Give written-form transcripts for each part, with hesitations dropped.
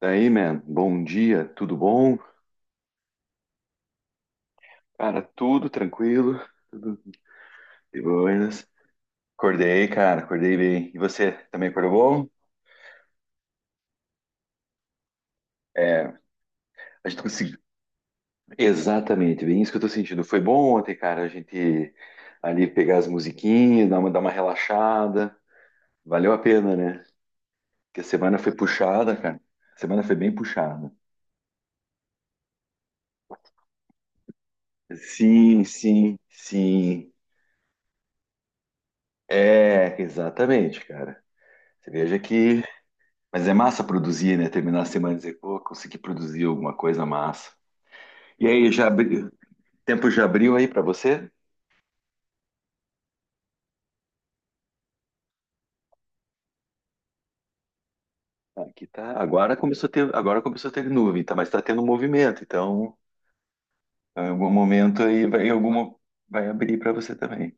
Daí, man, bom dia, tudo bom? Cara, tudo tranquilo, tudo de boas. Acordei, cara, acordei bem. E você também acordou bom? É, a gente conseguiu. Exatamente, bem isso que eu tô sentindo. Foi bom ontem, cara, a gente ali pegar as musiquinhas, dar uma relaxada. Valeu a pena, né? Porque a semana foi puxada, cara. A semana foi bem puxada. Sim, sim, sim. É, exatamente, cara. Você veja que mas é massa produzir, né? Terminar a semana e dizer, pô, consegui produzir alguma coisa massa. E aí, tempo já abriu aí para você? Ah, aqui tá. Agora começou a ter nuvem, tá? Mas tá tendo movimento, então em algum momento aí vai, em alguma vai abrir para você também.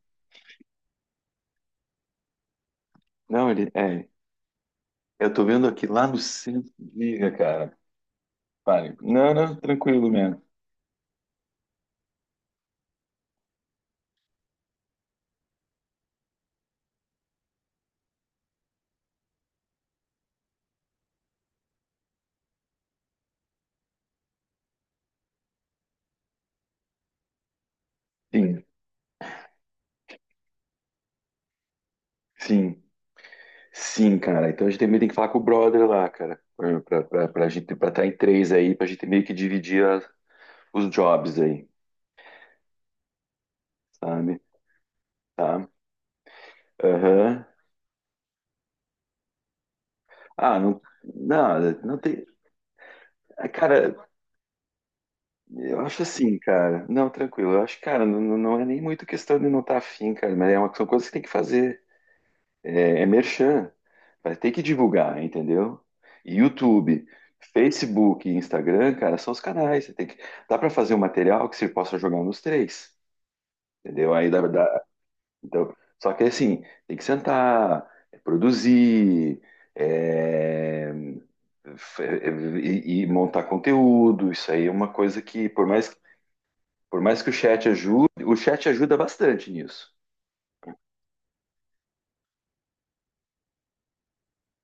Não, ele é. Eu tô vendo aqui lá no centro. Diga, cara. Pare. Não, não, tranquilo mesmo. Sim, sim, sim, cara. Então a gente também tem que falar com o brother lá, cara. Pra gente, pra estar em três aí, pra gente meio que dividir os jobs aí, sabe? Tá? Aham. Ah, não, não, não tem. Cara, eu acho assim, cara. Não, tranquilo. Eu acho, cara, não, não, não é nem muito questão de não estar afim, cara, mas é uma, são coisas que tem que fazer. É merchan. Vai ter que divulgar, entendeu? YouTube, Facebook e Instagram, cara, são os canais. Você tem que, dá para fazer um material que você possa jogar nos três, entendeu? Aí dá, dá, então, só que assim, tem que sentar, produzir, é, f- é, e montar conteúdo. Isso aí é uma coisa que, por mais que o chat ajude, o chat ajuda bastante nisso.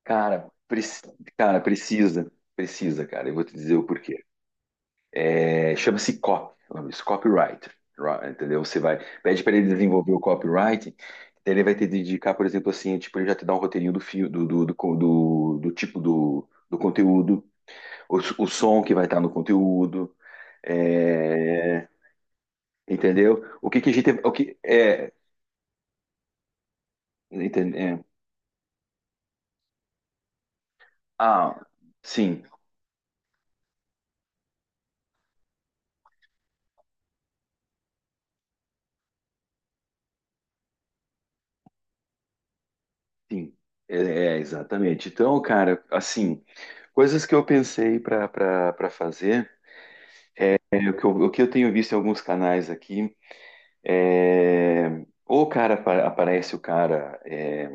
Cara, cara, precisa, cara. Eu vou te dizer o porquê. É, chama-se copy, o nome disso, copyright, entendeu? Você vai, pede para ele desenvolver o copyright, daí ele vai ter de indicar, por exemplo, assim, tipo, ele já te dá um roteirinho do fio, do tipo do conteúdo, o, o som que vai estar no conteúdo, é, entendeu? O que que a gente, o que, é, entende, ah, sim, sim, é, exatamente. Então, cara, assim, coisas que eu pensei para fazer, e o que eu, o que eu tenho visto em alguns canais aqui é. Ou o cara aparece, o cara é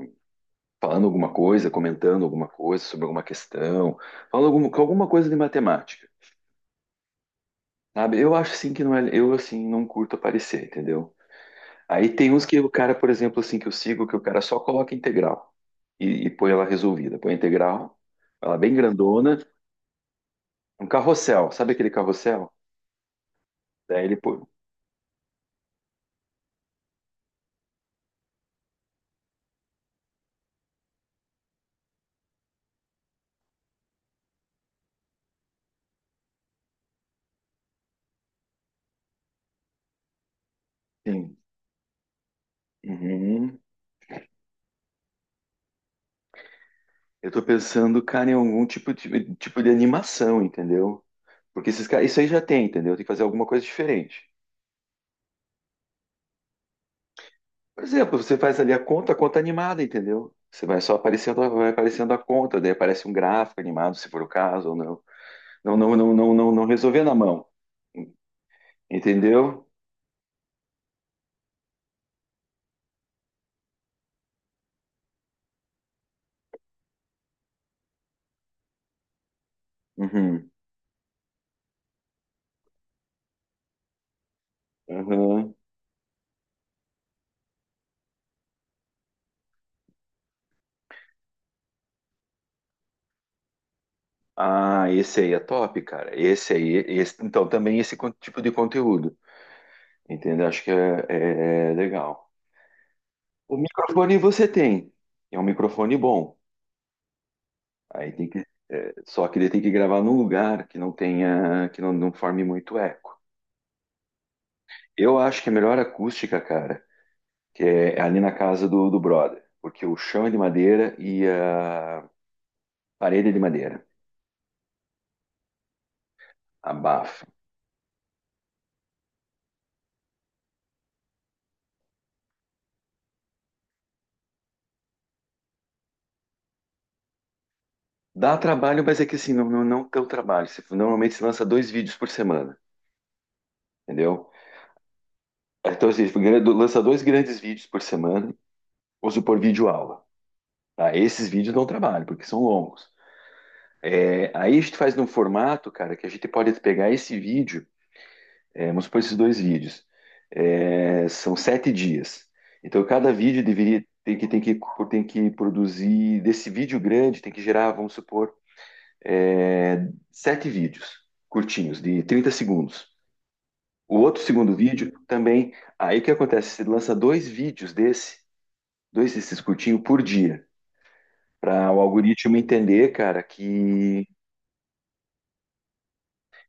falando alguma coisa, comentando alguma coisa sobre alguma questão, falando alguma coisa de matemática, sabe? Eu acho assim que não é, eu assim não curto aparecer, entendeu? Aí tem uns que o cara, por exemplo, assim que eu sigo, que o cara só coloca integral e põe ela resolvida, põe a integral, ela bem grandona, um carrossel, sabe aquele carrossel? Daí ele põe, sim. Uhum. Eu tô pensando, cara, em algum tipo de animação, entendeu? Porque esses caras, isso aí já tem, entendeu? Tem que fazer alguma coisa diferente. Por exemplo, você faz ali a conta animada, entendeu? Você vai só aparecendo, vai aparecendo a conta, daí aparece um gráfico animado, se for o caso, ou não. Não, não, não, não, não, não resolver na mão. Entendeu? Uhum. Uhum. Ah, esse aí é top, cara. Esse aí, então, também esse tipo de conteúdo. Entendeu? Acho que é legal. O microfone você tem. É um microfone bom. Aí tem que, só que ele tem que gravar num lugar que não tenha, que não forme muito eco. Eu acho que a melhor acústica, cara, que é ali na casa do brother, porque o chão é de madeira e a parede é de madeira, abafa. Dá trabalho, mas é que assim, não, não, não tão trabalho. Você, normalmente se lança dois vídeos por semana, entendeu? Então, assim, lança dois grandes vídeos por semana, ou supor vídeo aula. Tá? Esses vídeos dão trabalho, porque são longos. É, aí a gente faz num formato, cara, que a gente pode pegar esse vídeo, vamos supor esses dois vídeos, são 7 dias. Então cada vídeo deveria tem que produzir, desse vídeo grande, tem que gerar, vamos supor, sete vídeos curtinhos, de 30 segundos. O outro segundo vídeo também, aí o que acontece? Você lança dois vídeos desse, dois desses curtinhos por dia, para o algoritmo entender, cara, que.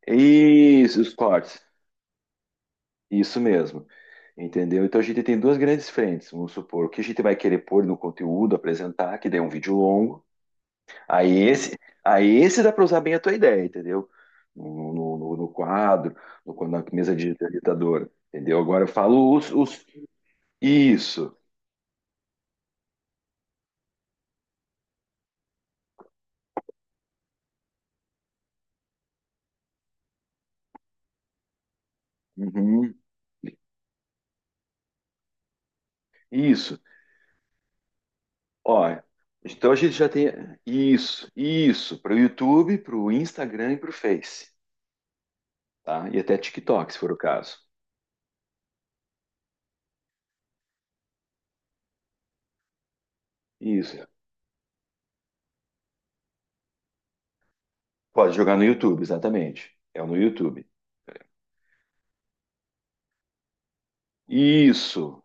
Isso, os cortes. Isso mesmo, entendeu? Então a gente tem duas grandes frentes, vamos supor, o que a gente vai querer pôr no conteúdo, apresentar, que daí é um vídeo longo. Aí esse, aí esse dá para usar bem a tua ideia, entendeu? No quadro, no, na mesa digitalizadora, entendeu? Agora eu falo os. Isso, uhum, isso. Ó, então a gente já tem isso, para o YouTube, para o Instagram e para o Face, tá? E até TikTok, se for o caso. Isso, pode jogar no YouTube, exatamente. É no YouTube. Isso,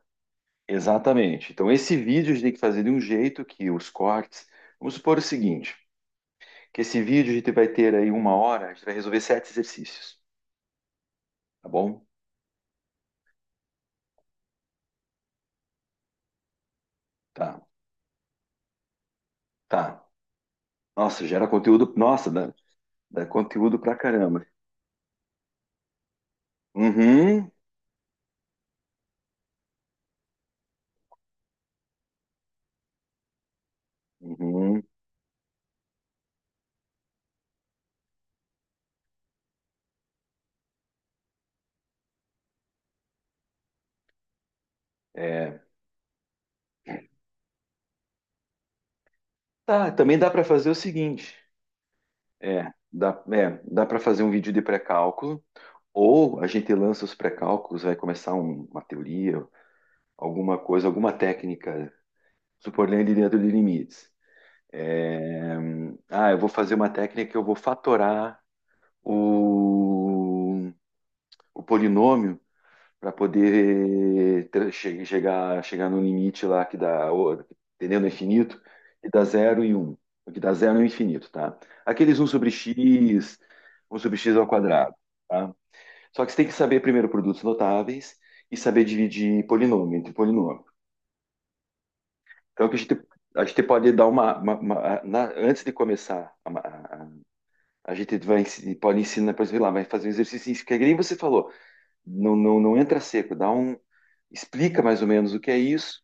exatamente. Então, esse vídeo a gente tem que fazer de um jeito que os cortes. Vamos supor o seguinte: que esse vídeo a gente vai ter aí uma hora, a gente vai resolver sete exercícios. Tá bom? Tá, tá. Nossa, gera conteúdo. Nossa, dá conteúdo pra caramba. Uhum, uhum. É. Tá, também dá para fazer o seguinte: dá para fazer um vídeo de pré-cálculo. Ou a gente lança os pré-cálculos, vai começar uma teoria, alguma coisa, alguma técnica, supor ele dentro de limites. É, eu vou fazer uma técnica que eu vou fatorar o, o polinômio para poder chegar no limite lá que dá, entendeu? No infinito, que dá zero e um, que dá zero e um infinito, tá? Aqueles um sobre x ao quadrado, tá? Só que você tem que saber primeiro produtos notáveis e saber dividir polinômio entre polinômio. Então, que a gente pode dar antes de começar, a- a gente vai, pode ensinar, por exemplo, lá, vai fazer um exercício, que é que nem você falou, não, não, não entra seco, dá um. Explica mais ou menos o que é isso.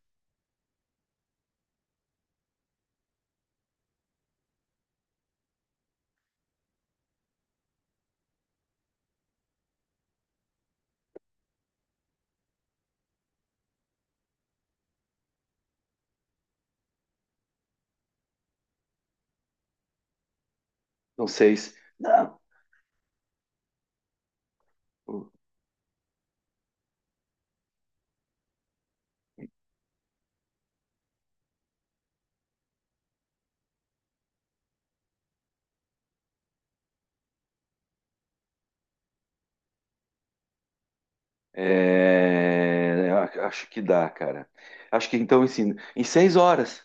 Não sei se. Não. É, acho que dá, cara. Acho que então ensina. Em 6 horas,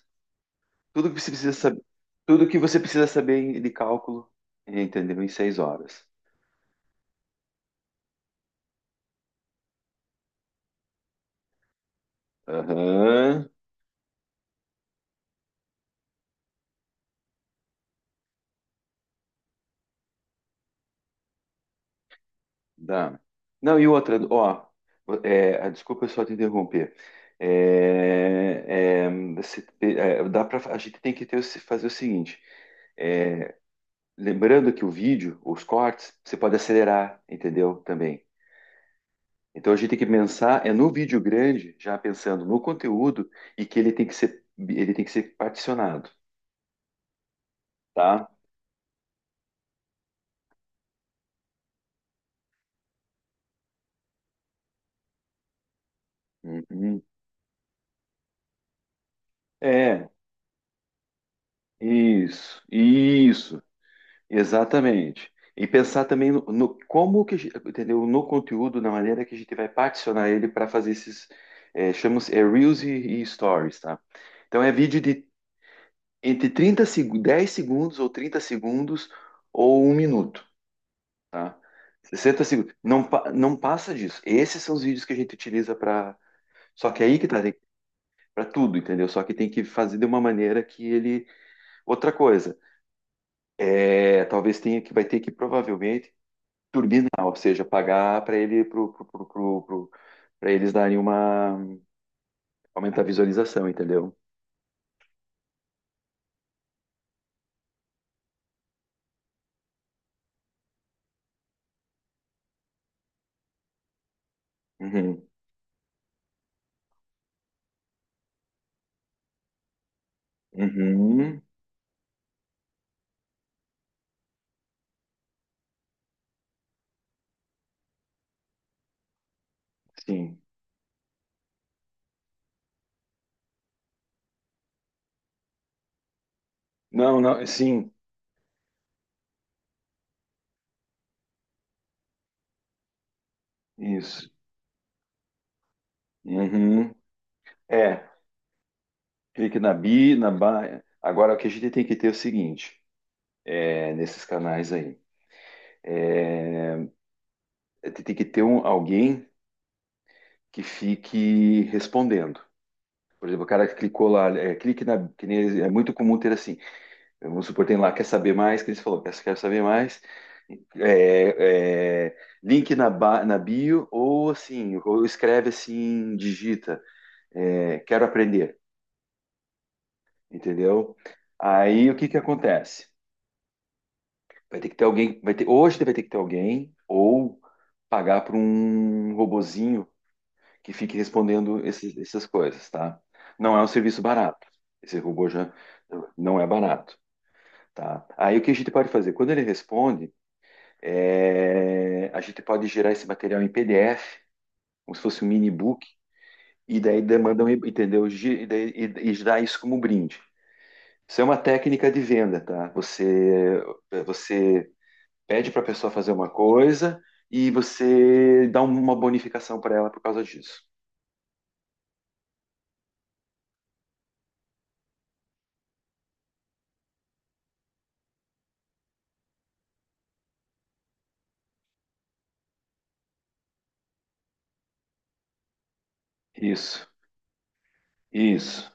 tudo que você precisa saber, tudo que você precisa saber de cálculo, entendeu? Em 6 horas. Aham. Dá. Não, e outra, ó, desculpa só te interromper. Dá pra, a gente tem que ter, o se- fazer o seguinte: é, lembrando que o vídeo, os cortes, você pode acelerar, entendeu? Também. Então a gente tem que pensar é no vídeo grande, já pensando no conteúdo e que ele tem que ser particionado, tá? Uhum. É, isso, isso. Exatamente. E pensar também no como que, entendeu? No conteúdo, na maneira que a gente vai particionar ele para fazer esses, chamamos, Reels e Stories, tá? Então é vídeo de entre 30 seg 10 segundos ou 30 segundos ou um minuto, tá? 60 segundos. Não, não passa disso. Esses são os vídeos que a gente utiliza para. Só que é aí que tá, para tudo, entendeu? Só que tem que fazer de uma maneira que ele. Outra coisa, talvez tenha que, vai ter que provavelmente turbinar, ou seja, pagar para ele pra eles darem uma aumentar a visualização, entendeu? Uhum. Uhum. Sim. Não, não, sim. Isso. Uhum. É, clique na bi, na ba. Agora o que a gente tem que ter é o seguinte, nesses canais aí, tem que ter um, alguém que fique respondendo. Por exemplo, o cara que clicou lá, clique na, que nem, é muito comum ter assim, vamos supor, tem lá, quer saber mais? Que eles falou, quer saber mais? É, é, link na bio, ou assim, ou escreve assim, digita, quero aprender, entendeu? Aí o que que acontece? Vai ter que ter alguém, vai ter, hoje vai ter que ter alguém, ou pagar para um robozinho que fique respondendo esses, essas coisas, tá? Não é um serviço barato. Esse robô já não é barato, tá? Aí o que a gente pode fazer? Quando ele responde, é, a gente pode gerar esse material em PDF, como se fosse um mini book, e daí demandam, entendeu? E daí, e dá isso como brinde. Isso é uma técnica de venda, tá? Você pede para a pessoa fazer uma coisa e você dá um, uma bonificação para ela por causa disso. Isso, isso,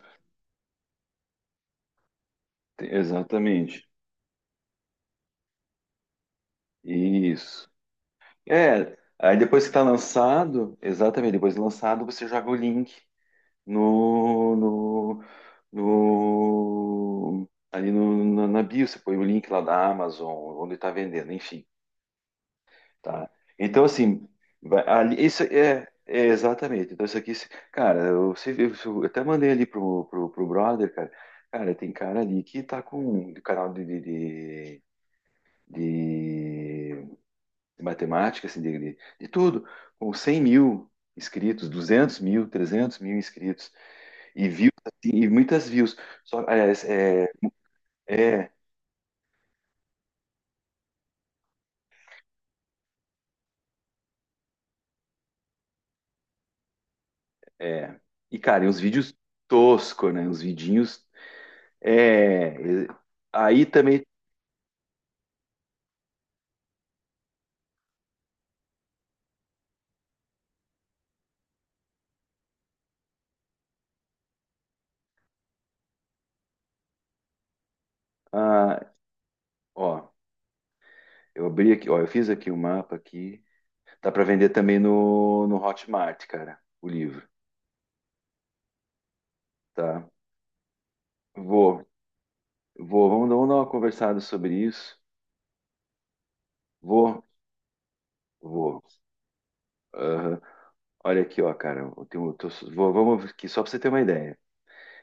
exatamente, isso. É, aí depois que está lançado, exatamente, depois de lançado, você joga o link no, no, no ali no, na, na bio, você põe o link lá da Amazon, onde está vendendo, enfim, tá? Então, assim, ali, isso é, exatamente. Então, isso aqui, se- cara, eu, se- eu, se- eu até mandei ali pro brother, cara, cara, tem cara ali que tá com o canal de de matemática, assim, de tudo, com 100 mil inscritos, 200 mil, 300 mil inscritos, e views, assim, e muitas views. Só, aliás, é, é, é. E, cara, e uns vídeos tosco, né? Uns vidinhos. É. e- Aí também. ah, Ó, eu abri aqui, ó, eu fiz aqui o mapa aqui. Dá pra vender também no Hotmart, cara, o livro, tá? Vou, vamos dar uma conversada sobre isso. Vou, vou. Aham. Olha aqui, ó, cara, eu tenho, vou, vamos aqui, só pra você ter uma ideia.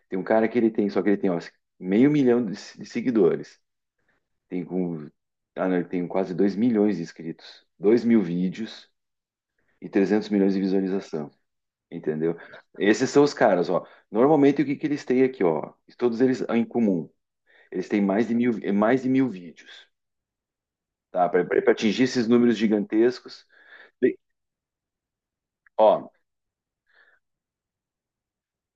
Tem um cara que ele tem, só que ele tem, ó, meio milhão de, se- de seguidores. Tem, com, não, ele tem quase 2 milhões de inscritos. 2 mil vídeos e 300 milhões de visualização. Entendeu? Esses são os caras, ó. Normalmente, o que, que eles têm aqui, ó? Todos eles em comum. Eles têm mais de 1.000 vídeos, tá? Para atingir esses números gigantescos. Bem, ó,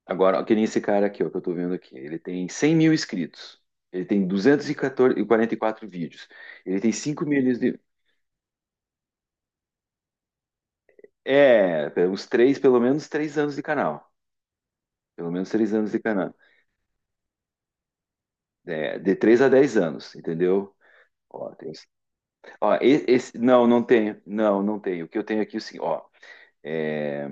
agora, ó, que nem esse cara aqui, ó, que eu tô vendo aqui. Ele tem 100 mil inscritos. Ele tem duzentos e quarenta e quatro vídeos. Ele tem 5 milhões de, é, uns três, pelo menos 3 anos de canal. Pelo menos 3 anos de canal. É, de 3 a 10 anos, entendeu? Ó, tem, não, não tenho. Não, não tenho. O que eu tenho aqui, assim, ó. é,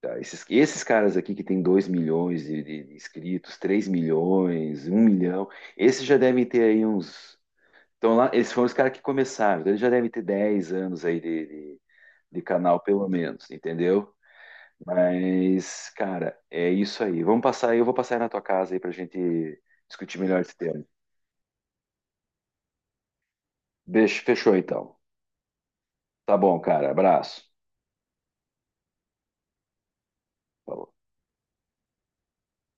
tá, esses caras aqui que tem 2 milhões de inscritos, 3 milhões, um milhão, esses já devem ter aí uns. Então lá, esses foram os caras que começaram, então eles já devem ter 10 anos aí de canal, pelo menos, entendeu? Mas, cara, é isso aí. Vamos passar aí, eu vou passar aí na tua casa aí pra gente discutir melhor esse tema. Beijo, fechou então. Tá bom, cara. Abraço. Falou.